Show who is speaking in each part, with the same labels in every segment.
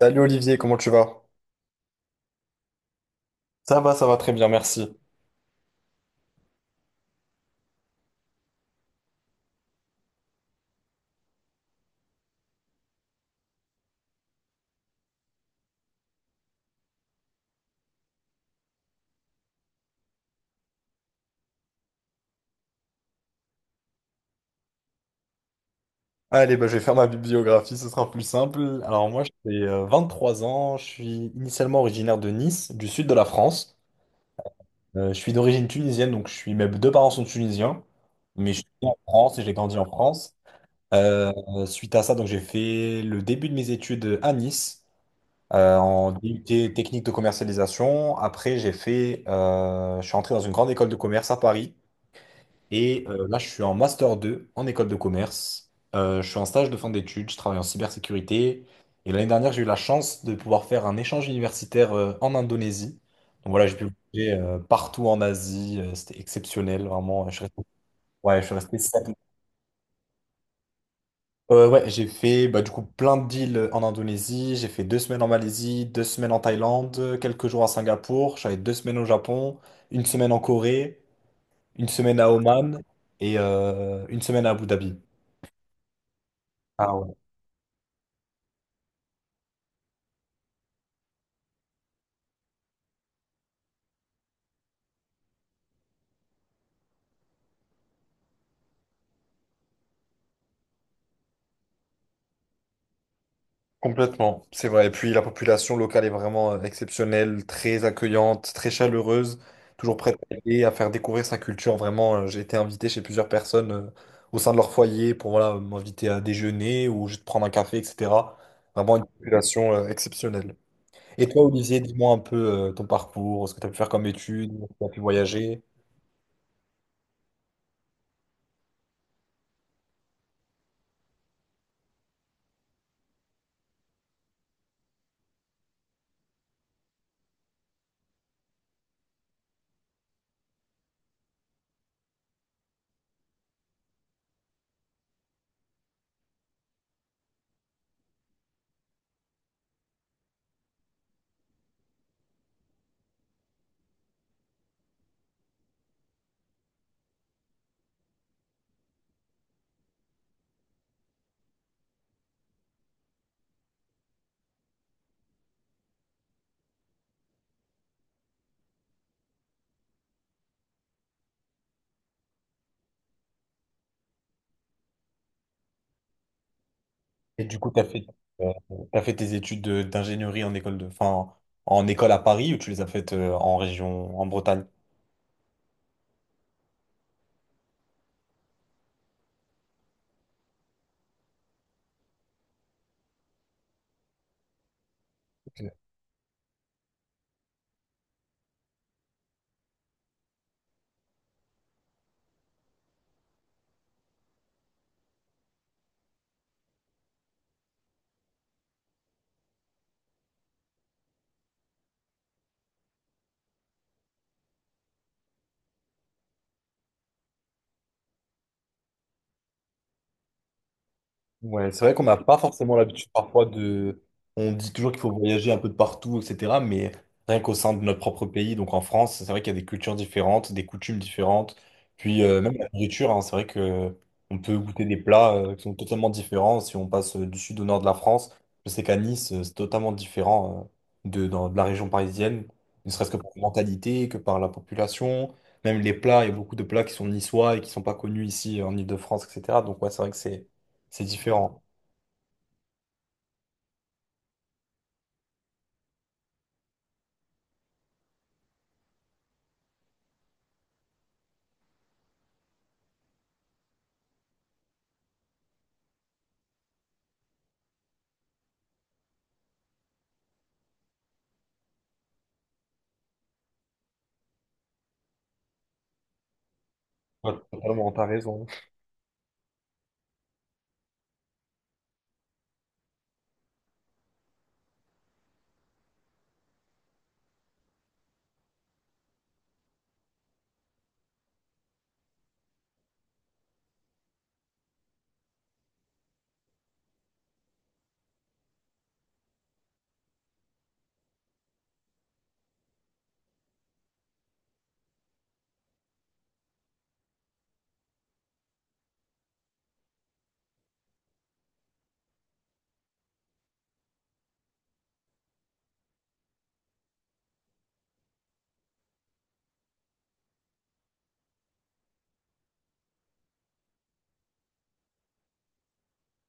Speaker 1: Salut Olivier, comment tu vas? Ça va très bien, merci. Allez, bah, je vais faire ma bibliographie, ce sera plus simple. Alors moi, j'ai 3 ans, je suis initialement originaire de Nice, du sud de la France. Je suis d'origine tunisienne, donc je suis, mes deux parents sont tunisiens, mais je suis né en France et j'ai grandi en France. Euh, Suite à ça, donc j'ai fait le début de mes études à Nice, en DUT technique de commercialisation. Après, je suis entré dans une grande école de commerce à Paris. Et là, je suis en master 2 en école de commerce. Je suis en stage de fin d'études, je travaille en cybersécurité. Et l'année dernière, j'ai eu la chance de pouvoir faire un échange universitaire en Indonésie. Donc voilà, j'ai pu voyager partout en Asie. C'était exceptionnel, vraiment. Ouais, je suis resté 7 mois. Ouais, j'ai fait bah, du coup plein de deals en Indonésie. J'ai fait 2 semaines en Malaisie, 2 semaines en Thaïlande, quelques jours à Singapour. J'avais 2 semaines au Japon, 1 semaine en Corée, 1 semaine à Oman et 1 semaine à Abu Dhabi. Ah, complètement, c'est vrai. Et puis la population locale est vraiment exceptionnelle, très accueillante, très chaleureuse, toujours prête à aider, à faire découvrir sa culture. Vraiment, j'ai été invité chez plusieurs personnes au sein de leur foyer pour voilà, m'inviter à déjeuner ou juste prendre un café, etc. Vraiment une population exceptionnelle. Et toi, Olivier, dis-moi un peu ton parcours, ce que tu as pu faire comme études, tu as pu voyager. Et du coup, euh, t'as fait tes études d'ingénierie enfin, en école à Paris ou tu les as faites en région, en Bretagne? Ouais, c'est vrai qu'on n'a pas forcément l'habitude parfois de... On dit toujours qu'il faut voyager un peu de partout, etc. Mais rien qu'au sein de notre propre pays, donc en France, c'est vrai qu'il y a des cultures différentes, des coutumes différentes. Puis même la nourriture, hein, c'est vrai que on peut goûter des plats qui sont totalement différents si on passe du sud au nord de la France. Je sais qu'à Nice, c'est totalement différent de la région parisienne, ne serait-ce que par la mentalité, que par la population. Même les plats, il y a beaucoup de plats qui sont niçois et qui sont pas connus ici en Île-de-France, etc. Donc ouais, c'est vrai que c'est... C'est différent. Ouais, totalement, t'as raison.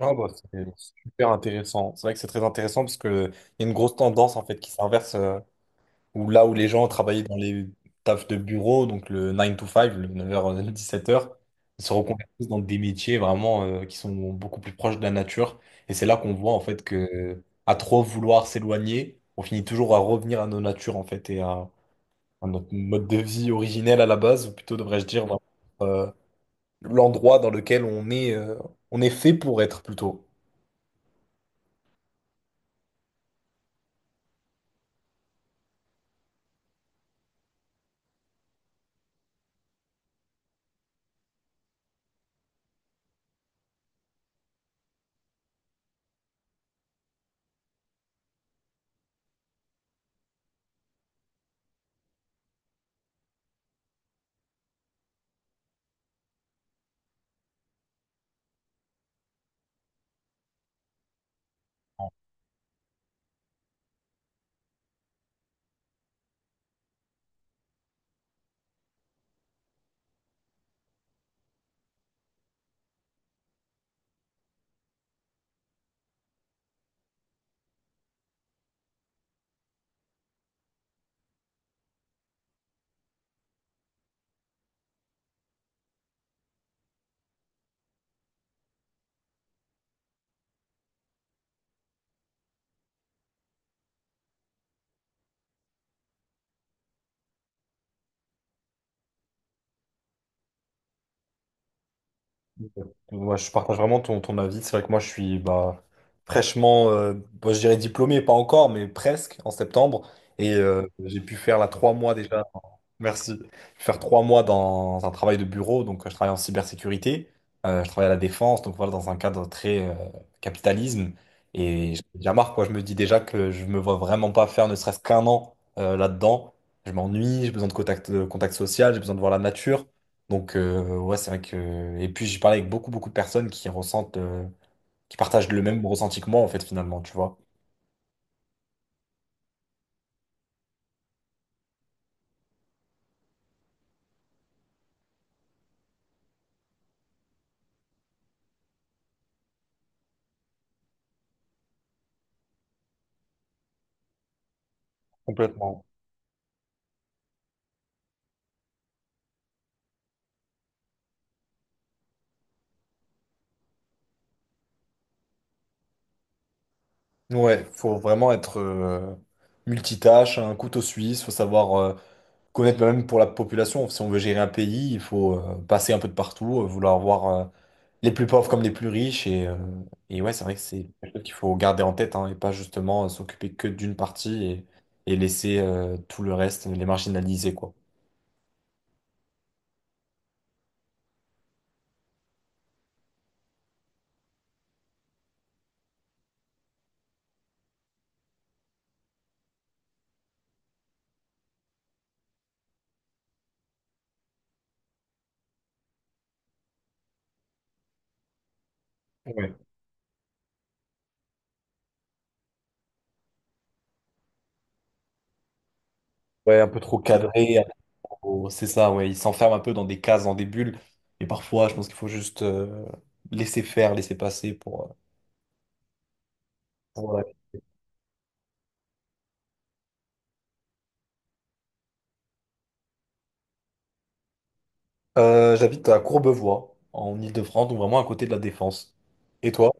Speaker 1: Ah bah, c'est super intéressant. C'est vrai que c'est très intéressant parce que il y a une grosse tendance en fait qui s'inverse où là où les gens travaillaient dans les tafs de bureau, donc le 9 to 5, le 9 heures h 17 h ils se reconvertissent dans des métiers vraiment qui sont beaucoup plus proches de la nature. Et c'est là qu'on voit en fait que à trop vouloir s'éloigner, on finit toujours à revenir à nos natures en fait et à notre mode de vie originel à la base, ou plutôt devrais-je dire vraiment, l'endroit dans lequel on est fait pour être plutôt. Moi, je partage vraiment ton avis. C'est vrai que moi, je suis bah, fraîchement, bah, je dirais diplômé, pas encore, mais presque en septembre. Et j'ai pu faire là 3 mois déjà. Merci. Je vais faire 3 mois dans un travail de bureau, donc je travaille en cybersécurité, je travaille à la défense, donc voilà, dans un cadre très capitalisme. Et j'ai déjà marre, quoi. Je me dis déjà que je me vois vraiment pas faire ne serait-ce qu'un an là-dedans. Je m'ennuie, j'ai besoin de contact social, j'ai besoin de voir la nature. Donc, ouais, c'est vrai que. Et puis, j'ai parlé avec beaucoup, beaucoup de personnes qui qui partagent le même ressenti que moi, en fait, finalement, tu vois. Complètement. Ouais, faut vraiment être multitâche, un couteau suisse, faut savoir. Connaître même pour la population. Si on veut gérer un pays, il faut passer un peu de partout, vouloir voir les plus pauvres comme les plus riches. Et ouais, c'est vrai que c'est quelque chose qu'il faut garder en tête hein, et pas justement s'occuper que d'une partie et laisser tout le reste, les marginaliser, quoi. Ouais. Ouais, un peu trop cadré, c'est ça, ouais. Ils s'enferment un peu dans des cases, dans des bulles. Et parfois, je pense qu'il faut juste laisser faire, laisser passer pour. Voilà. J'habite à Courbevoie, en Île-de-France, donc vraiment à côté de la Défense. Et toi?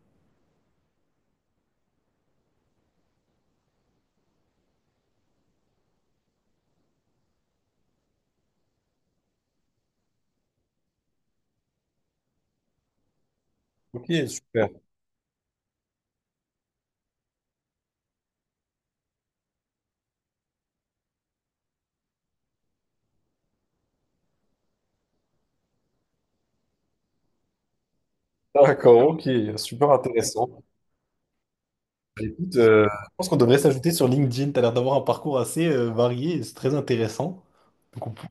Speaker 1: Ok, super. D'accord, ok, super intéressant. Écoute, je pense qu'on devrait s'ajouter sur LinkedIn. Tu as l'air d'avoir un parcours assez varié, et c'est très intéressant. Donc,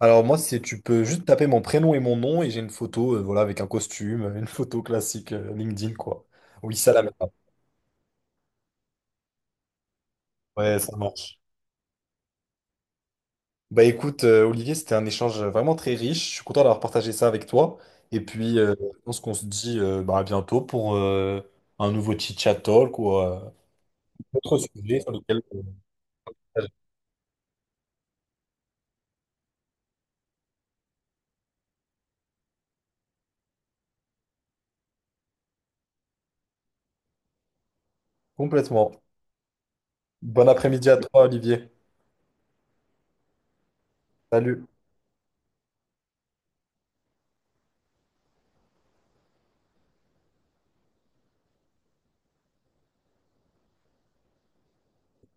Speaker 1: Alors moi, c'est tu peux juste taper mon prénom et mon nom et j'ai une photo, voilà, avec un costume, une photo classique LinkedIn, quoi. Oui, ça la met pas. Ouais, ça marche. Bah écoute, Olivier, c'était un échange vraiment très riche. Je suis content d'avoir partagé ça avec toi. Et puis, je pense qu'on se dit bah, à bientôt pour un nouveau chit-chat talk ou autre sujet sur lequel... Complètement. Bon après-midi à toi, Olivier. Salut.